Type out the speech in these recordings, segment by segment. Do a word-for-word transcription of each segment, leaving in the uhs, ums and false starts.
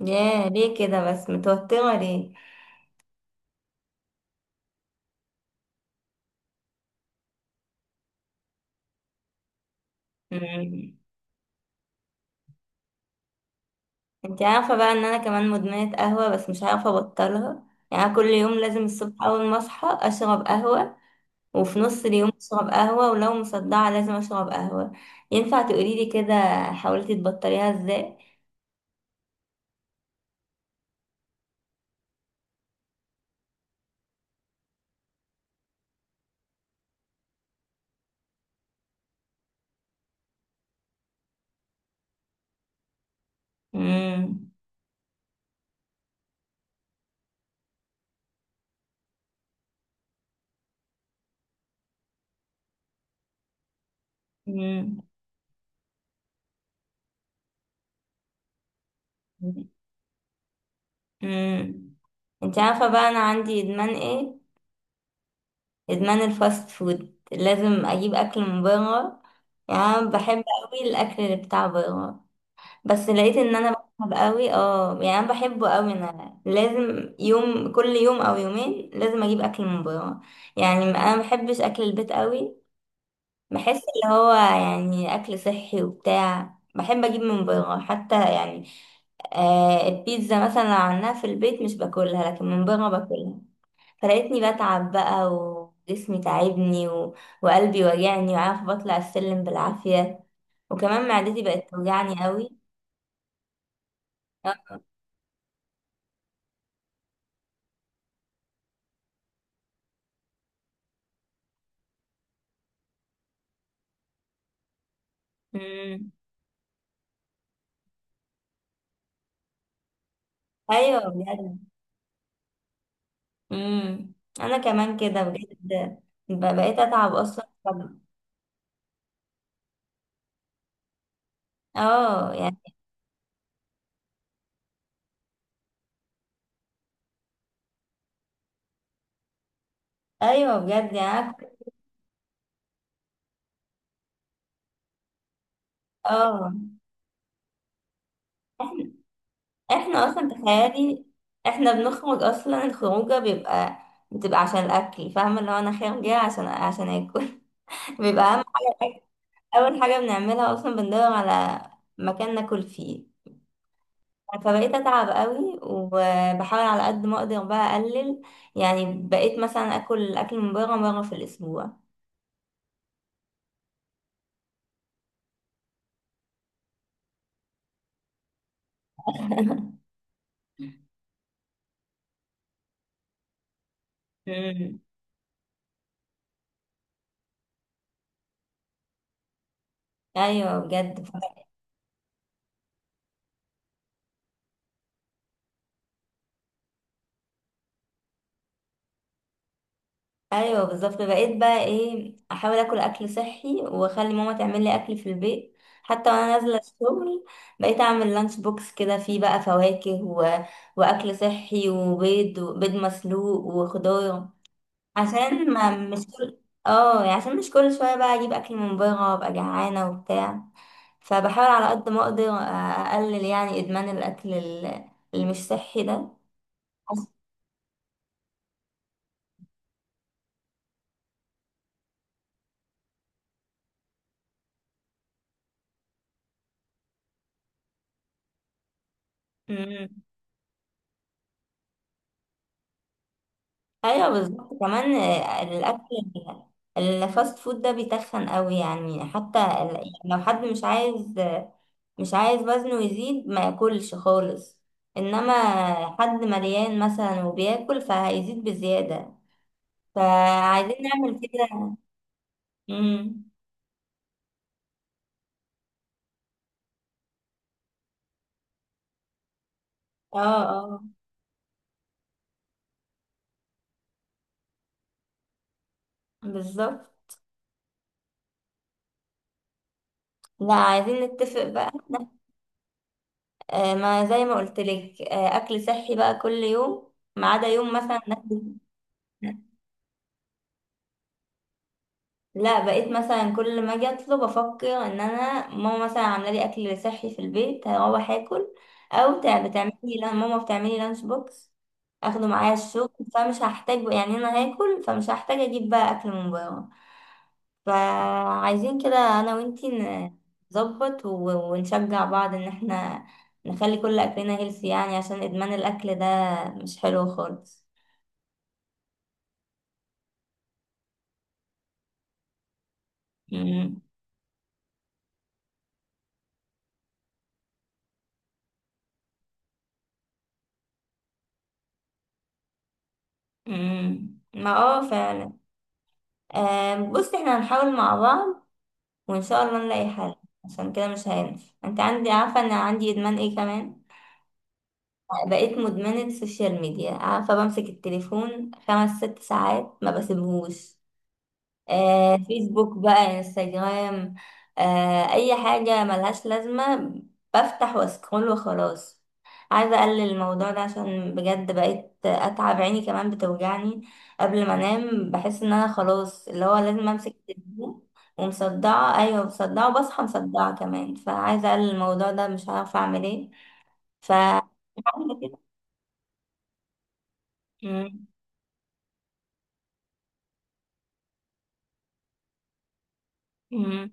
ياه، ليه كده بس؟ متوترة ليه؟ مم. انت عارفة بقى ان انا كمان مدمنة قهوة، بس مش عارفة ابطلها. يعني أنا كل يوم لازم الصبح اول ما اصحى اشرب قهوة، وفي نص اليوم اشرب قهوة، ولو مصدعة لازم اشرب قهوة. ينفع تقوليلي كده؟ حاولتي تبطليها ازاي؟ مم. مم. مم. انت عارفة بقى انا عندي ادمان ايه؟ ادمان الفاست فود، لازم اجيب اكل من بره. يعني أنا بحب قوي الاكل اللي بتاع بره. بس لقيت ان انا بحب قوي، اه يعني انا بحبه قوي، انا لازم يوم، كل يوم او يومين لازم اجيب اكل من بره. يعني انا ما بحبش اكل البيت قوي. بحس اللي هو يعني اكل صحي وبتاع، بحب اجيب من بره حتى، يعني آه البيتزا مثلا لو عملناها في البيت مش باكلها، لكن من بره باكلها. فلقيتني بتعب بقى وجسمي تعبني و... وقلبي وجعني، وعارفه بطلع السلم بالعافيه، وكمان معدتي بقت توجعني قوي. ايوه، بجد. امم انا كمان كده بجد، ب- بقيت اتعب اصلا. طب اه، يعني ايوه بجد. يعني أنا كنت- اه احنا احنا اصلا تخيلي، احنا بنخرج اصلا. الخروجه بيبقى، بتبقى عشان الاكل، فاهمه، اللي هو انا خارجه عشان عشان اكل. بيبقى اهم حاجه الأكل. اول حاجه بنعملها اصلا بندور على مكان ناكل فيه. فبقيت اتعب قوي وبحاول على قد ما اقدر بقى اقلل. يعني بقيت مثلا اكل اكل من بره مره في الاسبوع. مم. ايوه، بجد. ايوه بالظبط، بقيت بقى ايه احاول اكل اكل صحي واخلي ماما تعمل لي اكل في البيت، حتى وانا نازله الشغل. بقيت اعمل لانش بوكس كده، فيه بقى فواكه و... واكل صحي وبيض، وبيض مسلوق وخضار. عشان ما مش كل، اه يعني عشان مش كل شويه بقى اجيب اكل من بره وابقى جعانه وبتاع. فبحاول على قد ما اقدر اقلل يعني ادمان الاكل ال- اللي مش صحي ده. مم. ايوه بالظبط كمان، آه، الاكل الفاست فود ده بيتخن قوي. يعني حتى ال- يعني لو حد مش عايز مش عايز وزنه يزيد، ما ياكلش خالص. انما حد مليان مثلا وبياكل، فهيزيد بزيادة. فعايزين نعمل كده. امم اه، اه. بالظبط. لا عايزين نتفق بقى. آه، ما زي ما قلت لك، آه اكل صحي بقى كل يوم، ما عدا يوم مثلا ناكل. لا بقيت مثلا كل ما اجي اطلب افكر ان انا ماما مثلا عامله لي اكل صحي في البيت، هروح اكل. او بتاع- بتعملي، لان ماما بتعملي لانش بوكس، اخده معايا الشغل، فمش هحتاج، يعني انا هاكل فمش هحتاج اجيب بقى اكل من بره. فعايزين كده انا وانتي، ن- نظبط و- ونشجع بعض، ان احنا نخلي كل اكلنا هيلثي، يعني عشان ادمان الاكل ده مش حلو خالص. مم. مم. ما اه فعلا. آه، بص، احنا هنحاول مع بعض وان شاء الله نلاقي حل. عشان كده مش هينفع. انت عندي، عارفه ان عندي ادمان ايه كمان؟ بقيت مدمنه السوشيال ميديا، عارفه بمسك التليفون خمس ست ساعات ما بسيبهوش. آه، فيسبوك بقى، انستجرام، آه، اي حاجة ملهاش لازمة بفتح واسكرول وخلاص. عايزة اقلل الموضوع ده، عشان بجد بقيت اتعب، عيني كمان بتوجعني قبل ما انام، بحس ان انا خلاص اللي هو لازم امسك التليفون، ومصدعة، ايوه مصدعة، وبصحى مصدعة كمان. فعايزة اقلل الموضوع ده، مش عارفة اعمل ايه. ف كده. مم. مم.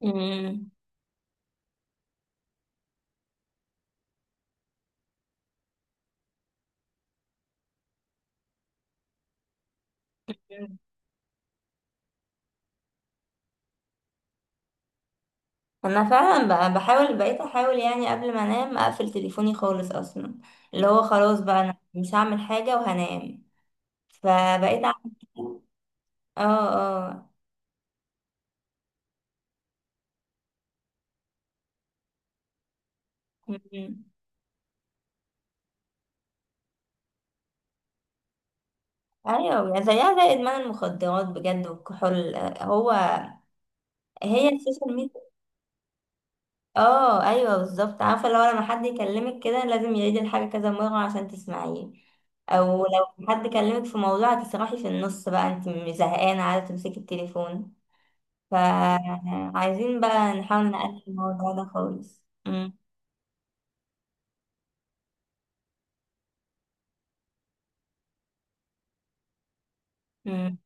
مم. انا فعلا ب- بحاول، بقيت احاول يعني قبل ما انام اقفل تليفوني خالص اصلا، اللي هو خلاص بقى انا مش هعمل حاجة وهنام. فبقيت اعمل كده. اه، اه. م- ايوه، يعني زيها زي ادمان المخدرات بجد، والكحول، آه، هو هي السوشيال ميديا. اه ايوه بالظبط. عارفه لو لما حد يكلمك كده لازم يعيد الحاجه كذا مره عشان تسمعيه، او لو حد كلمك في موضوع هتسرحي في النص بقى، انت مش زهقانه عايزه تمسكي التليفون. فعايزين بقى نحاول نقلل الموضوع ده خالص. مم. مم.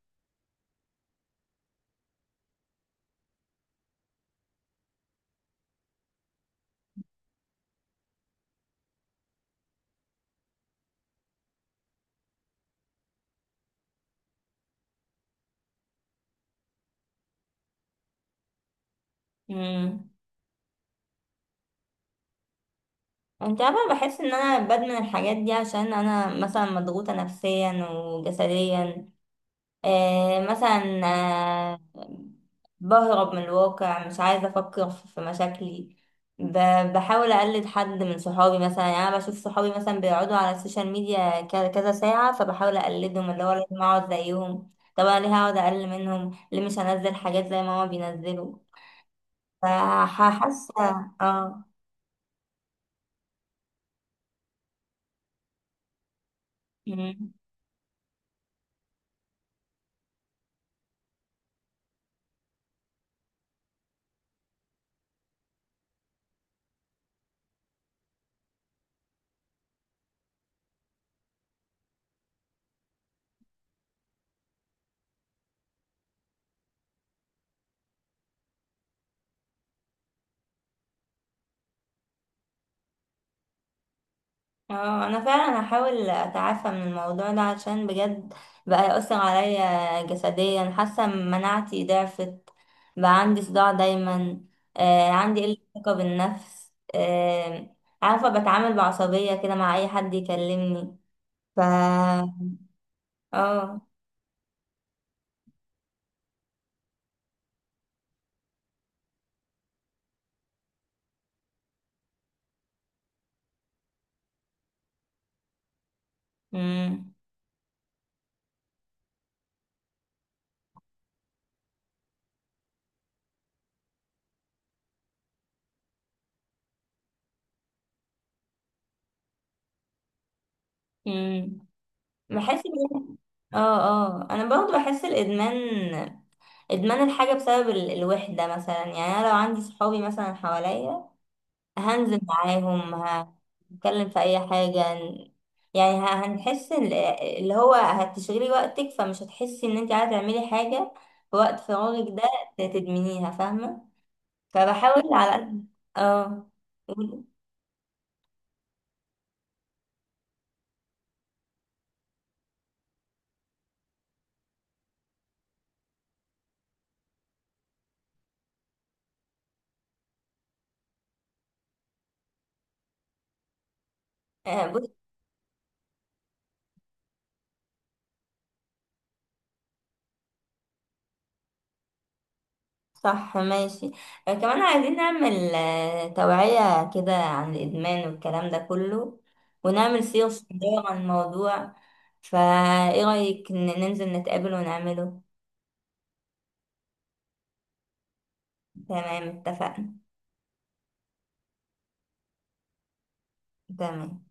مم. انت عارفة، بحس ان انا بدمن الحاجات دي عشان انا مثلا مضغوطة نفسيا وجسديا، آه مثلا، آه بهرب من الواقع، مش عايزة أفكر في في مشاكلي. ب- بحاول أقلد حد من صحابي مثلا، يعني أنا بشوف صحابي مثلا بيقعدوا على السوشيال ميديا كذا كذا ساعة، فبحاول أقلدهم اللي هو لازم أقعد زيهم. طب أنا ليه هقعد أقل منهم؟ ليه مش هنزل حاجات زي ما هما بينزلوا؟ فحاسة. اه، اه. انا فعلا هحاول اتعافى من الموضوع ده عشان بجد بقى يأثر عليا جسديا، حاسه مناعتي ضعفت، بقى عندي صداع دايما، آه عندي قله ثقه بالنفس، آه عارفه بتعامل بعصبيه كده مع اي حد يكلمني. ف اه. امم امم بحس بال- اه، اه. انا برضو بحس الادمان، ادمان الحاجه بسبب ال- الوحده مثلا. يعني انا لو عندي صحابي مثلا حواليا هنزل معاهم، ه- هنتكلم في اي حاجة، هن- يعني ه- هنحس ال- اللي هو هتشغلي وقتك، فمش هتحسي ان انت عايزة تعملي حاجة في وقت فراغك ده. ت- تدمنيها، فاهمة. فبحاول على قد. اه. قولي. آه، بص. صح، ماشي. آه، كمان عايزين نعمل آه، توعية كده عن الإدمان والكلام ده كله، ونعمل سيرة صغيرة عن الموضوع. فايه رأيك ن- ننزل نتقابل ونعمله؟ تمام، اتفقنا. تمام.